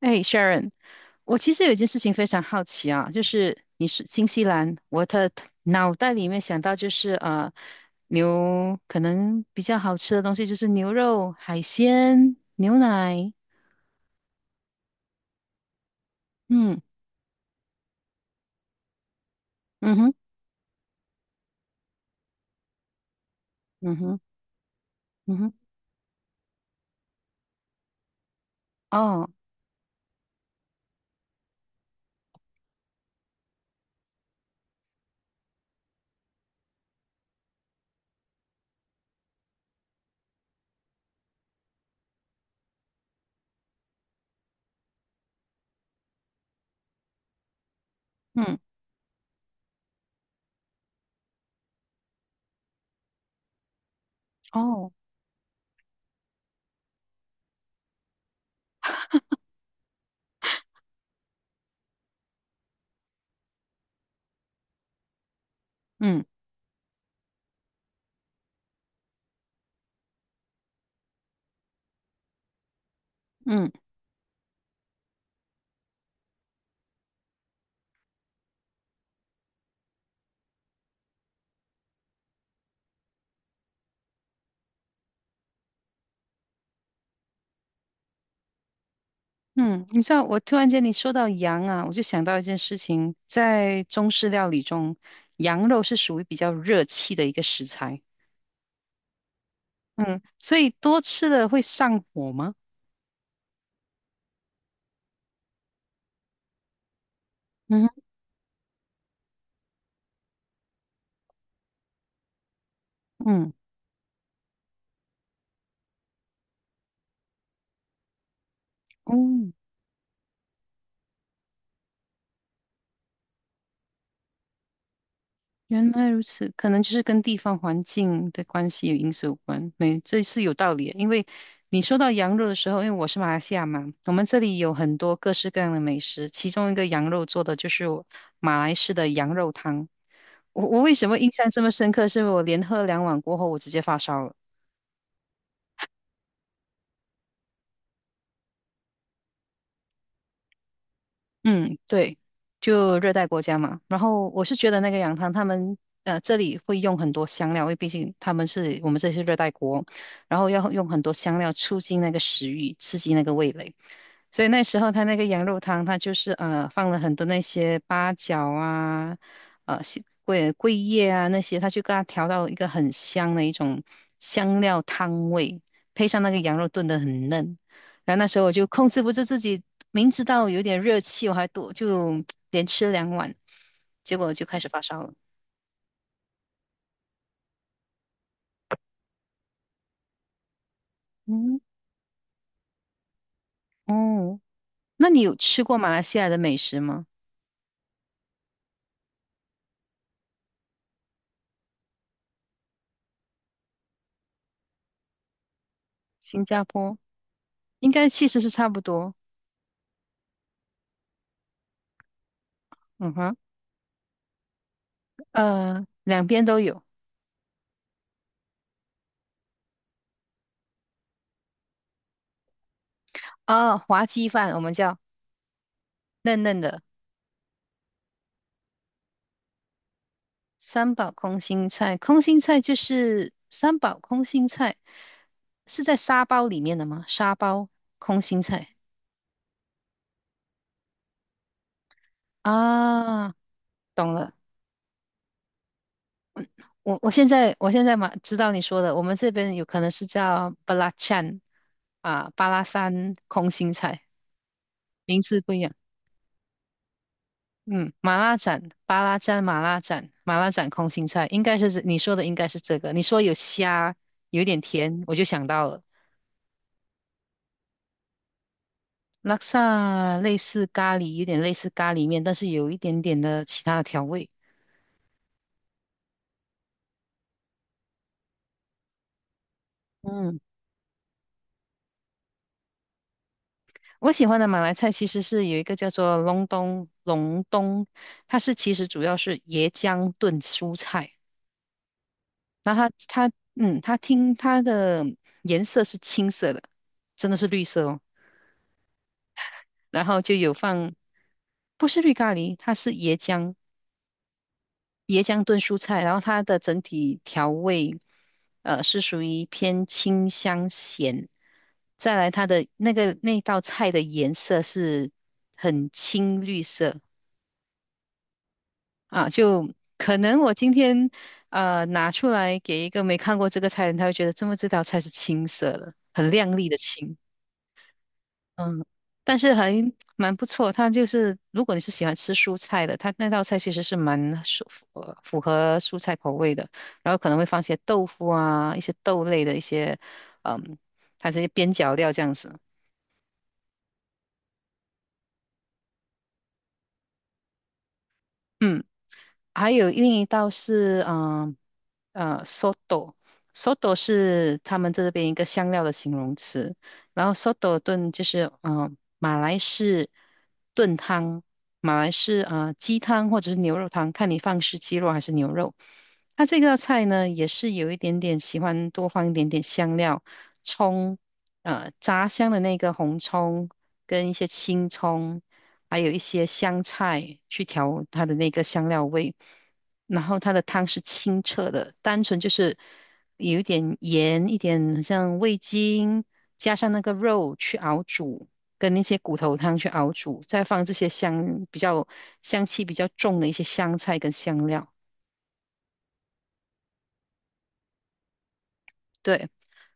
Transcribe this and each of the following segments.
哎，Sharon，我其实有一件事情非常好奇啊，就是你是新西兰，我的脑袋里面想到就是牛可能比较好吃的东西就是牛肉、海鲜、牛奶。嗯。嗯哼。嗯哼。嗯哼。哦。嗯。哦。嗯嗯。嗯，你知道我突然间你说到羊啊，我就想到一件事情，在中式料理中，羊肉是属于比较热气的一个食材。嗯，所以多吃了会上火吗？嗯。嗯。哦，原来如此，可能就是跟地方环境的关系有因素有关。没，这是有道理的，因为你说到羊肉的时候，因为我是马来西亚嘛，我们这里有很多各式各样的美食，其中一个羊肉做的就是马来式的羊肉汤。我为什么印象这么深刻？是因为我连喝两碗过后，我直接发烧了。嗯，对，就热带国家嘛。然后我是觉得那个羊汤，这里会用很多香料，因为毕竟他们是我们这里是热带国，然后要用很多香料促进那个食欲，刺激那个味蕾。所以那时候他那个羊肉汤，他就是放了很多那些八角啊，西桂桂叶啊那些，他就给它调到一个很香的一种香料汤味，配上那个羊肉炖得很嫩。然后那时候我就控制不住自己，明知道有点热气，我还多就连吃两碗，结果就开始发烧了。嗯，哦，那你有吃过马来西亚的美食吗？新加坡应该其实是差不多。嗯哼。两边都有。哦，滑鸡饭我们叫嫩嫩的。三宝空心菜，空心菜就是三宝空心菜，是在沙包里面的吗？沙包空心菜啊，懂了。我现在嘛知道你说的，我们这边有可能是叫巴拉찬啊，巴拉山空心菜，名字不一样。嗯，马拉盏巴拉蘸、马拉盏空心菜，应该是这你说的，应该是这个。你说有虾，有一点甜，我就想到了。拉萨类似咖喱，有点类似咖喱面，但是有一点点的其他的调味。嗯，我喜欢的马来菜其实是有一个叫做隆冬，它是其实主要是椰浆炖蔬菜，然后它嗯，它听它的颜色是青色的，真的是绿色哦，然后就有放，不是绿咖喱，它是椰浆，椰浆炖蔬菜，然后它的整体调味，是属于偏清香咸。再来，它的那个那道菜的颜色是很青绿色啊，就可能我今天拿出来给一个没看过这个菜的人，他会觉得这么这道菜是青色的，很亮丽的青。嗯，但是还蛮不错。它就是如果你是喜欢吃蔬菜的，它那道菜其实是蛮符合蔬菜口味的。然后可能会放些豆腐啊，一些豆类的一些，嗯，它这些边角料这样子。嗯，还有另一道是嗯，soto，soto 是他们这边一个香料的形容词，然后 soto 炖就是嗯、马来式炖汤，马来式鸡汤或者是牛肉汤，看你放是鸡肉还是牛肉。它这道菜呢也是有一点点喜欢多放一点点香料，葱炸香的那个红葱跟一些青葱。还有一些香菜去调它的那个香料味，然后它的汤是清澈的，单纯就是有一点盐，一点很像味精，加上那个肉去熬煮，跟那些骨头汤去熬煮，再放这些香气比较重的一些香菜跟香料，对。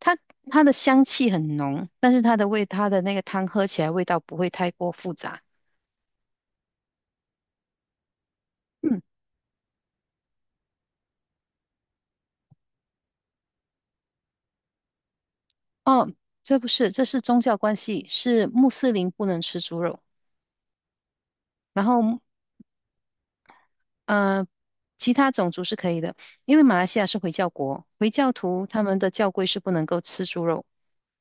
它它的香气很浓，但是它的味，它的那个汤喝起来味道不会太过复杂。嗯。哦，这不是，这是宗教关系，是穆斯林不能吃猪肉。然后呃，其他种族是可以的，因为马来西亚是回教国，回教徒他们的教规是不能够吃猪肉，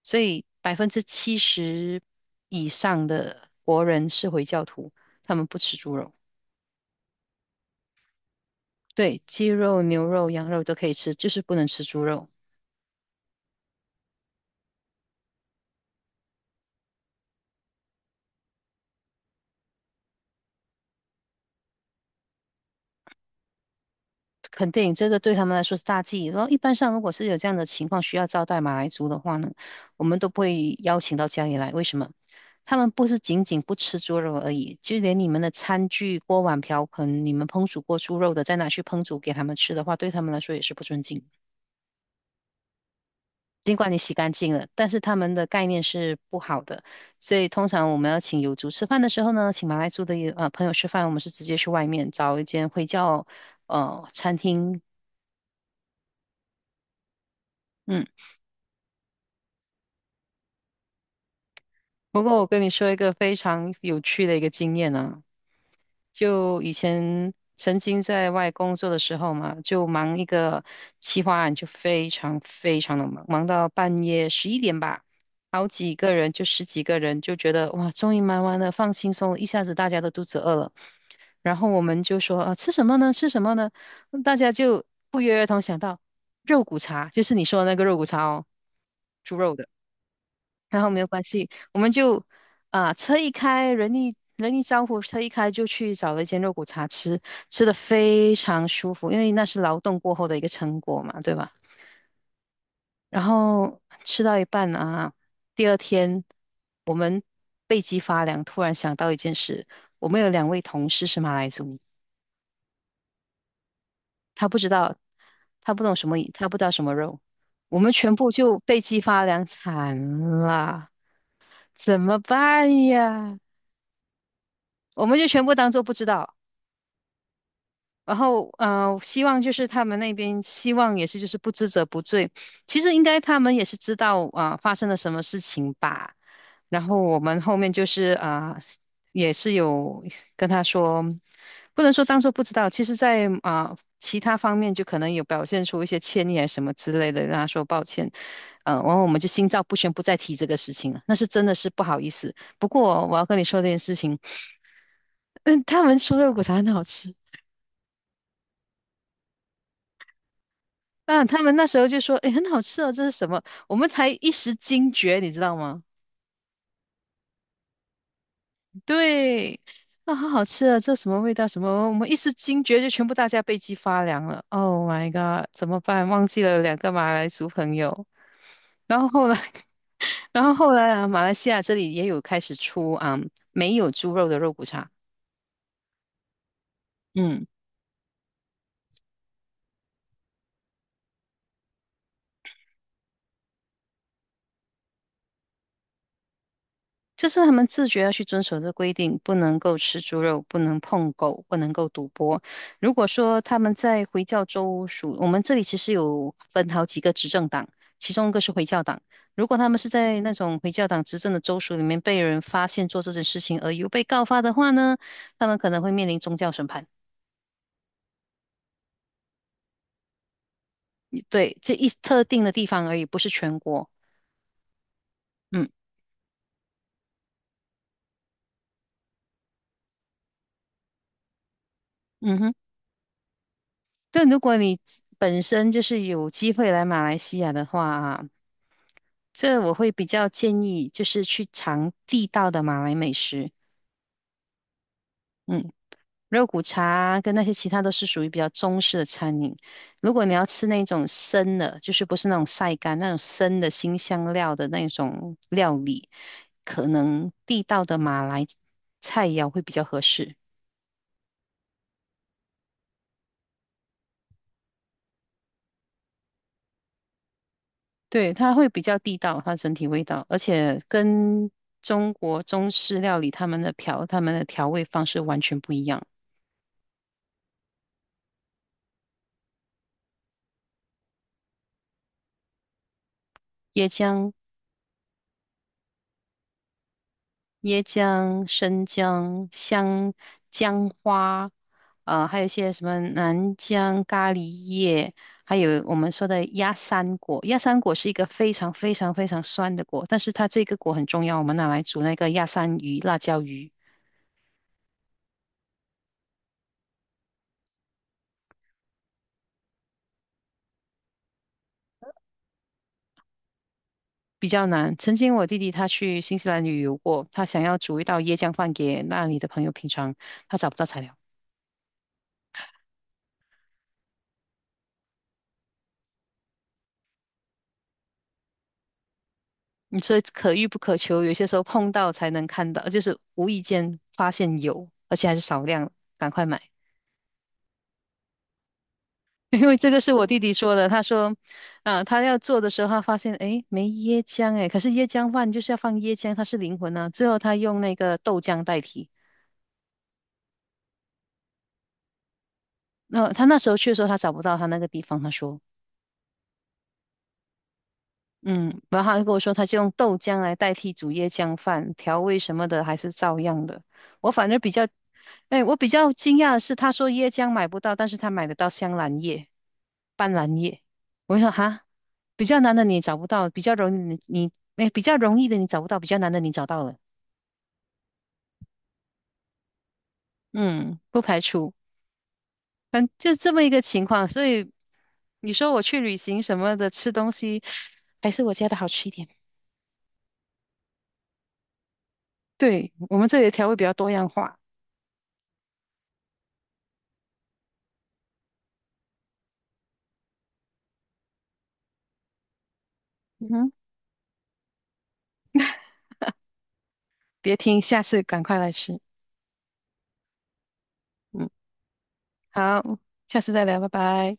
所以70%以上的国人是回教徒，他们不吃猪肉。对，鸡肉、牛肉、羊肉都可以吃，就是不能吃猪肉。肯定这个对他们来说是大忌。然后一般上，如果是有这样的情况需要招待马来族的话呢，我们都不会邀请到家里来。为什么？他们不是仅仅不吃猪肉而已，就连你们的餐具、锅碗瓢盆，你们烹煮过猪肉的，再拿去烹煮给他们吃的话，对他们来说也是不尊敬。尽管你洗干净了，但是他们的概念是不好的。所以通常我们要请友族吃饭的时候呢，请马来族的也朋友吃饭，我们是直接去外面找一间会叫餐厅。嗯。不过我跟你说一个非常有趣的一个经验啊，就以前曾经在外工作的时候嘛，就忙一个企划案，就非常非常的忙，忙到半夜11点吧，好几个人就十几个人就觉得哇，终于忙完了，放轻松了一下子大家都肚子饿了，然后我们就说啊，吃什么呢？吃什么呢？大家就不约而同想到肉骨茶，就是你说的那个肉骨茶哦，猪肉的。然后没有关系，我们就啊、车一开，人一招呼，车一开就去找了一间肉骨茶吃，吃的非常舒服，因为那是劳动过后的一个成果嘛，对吧？然后吃到一半啊，第二天我们背脊发凉，突然想到一件事，我们有2位同事是马来族，他不知道，他不懂什么，他不知道什么肉，我们全部就背脊发凉，惨了，怎么办呀？我们就全部当做不知道。然后，希望就是他们那边希望也是就是不知者不罪。其实应该他们也是知道啊、发生了什么事情吧。然后我们后面就是啊、也是有跟他说，不能说当做不知道，其实在啊、其他方面就可能有表现出一些歉意啊什么之类的，跟他说抱歉。然后我们就心照不宣，不再提这个事情了。那是真的是不好意思。不过我要跟你说这件事情，嗯，他们说肉骨茶很好吃。啊，他们那时候就说：“哎，很好吃哦，这是什么？”我们才一时惊觉，你知道吗？对，啊，好好吃啊，这什么味道？什么？我们一时惊觉，就全部大家背脊发凉了。Oh my god，怎么办？忘记了2个马来族朋友。然后后来，然后后来啊，马来西亚这里也有开始出啊，没有猪肉的肉骨茶。嗯。就是他们自觉要去遵守这规定，不能够吃猪肉，不能碰狗，不能够赌博。如果说他们在回教州属，我们这里其实有分好几个执政党，其中一个是回教党。如果他们是在那种回教党执政的州属里面被人发现做这件事情而又被告发的话呢，他们可能会面临宗教审判。对，这一特定的地方而已，不是全国。嗯。嗯哼。但如果你本身就是有机会来马来西亚的话，这我会比较建议就是去尝地道的马来美食。嗯，肉骨茶跟那些其他都是属于比较中式的餐饮。如果你要吃那种生的，就是不是那种晒干那种生的新香料的那种料理，可能地道的马来菜肴会比较合适。对，它会比较地道，它整体味道，而且跟中国中式料理他们的调味方式完全不一样。椰浆、椰浆、生姜、香姜花，还有一些什么南姜咖喱叶，还有我们说的鸭三果。鸭三果是一个非常非常非常酸的果，但是它这个果很重要，我们拿来煮那个鸭三鱼、辣椒鱼。比较难。曾经我弟弟他去新西兰旅游过，他想要煮一道椰浆饭给那里的朋友品尝，他找不到材料。嗯，所以可遇不可求，有些时候碰到才能看到，就是无意间发现有，而且还是少量，赶快买。因为这个是我弟弟说的，他说，啊、他要做的时候，他发现，诶，没椰浆，诶，可是椰浆饭就是要放椰浆，它是灵魂啊。最后他用那个豆浆代替。那、他那时候去的时候，他找不到他那个地方，他说。嗯，然后他就跟我说，他就用豆浆来代替煮椰浆饭，调味什么的还是照样的。我反正比较，哎，我比较惊讶的是，他说椰浆买不到，但是他买得到香兰叶、斑斓叶。我就说哈，比较难的你找不到，比较容易的你，你哎，比较容易的你找不到，比较难的你找到了。嗯，不排除，反正就这么一个情况。所以你说我去旅行什么的，吃东西还是我家的好吃一点。对，我们这里的调味比较多样化。嗯哼。别听，下次赶快来吃。嗯，好，下次再聊，拜拜。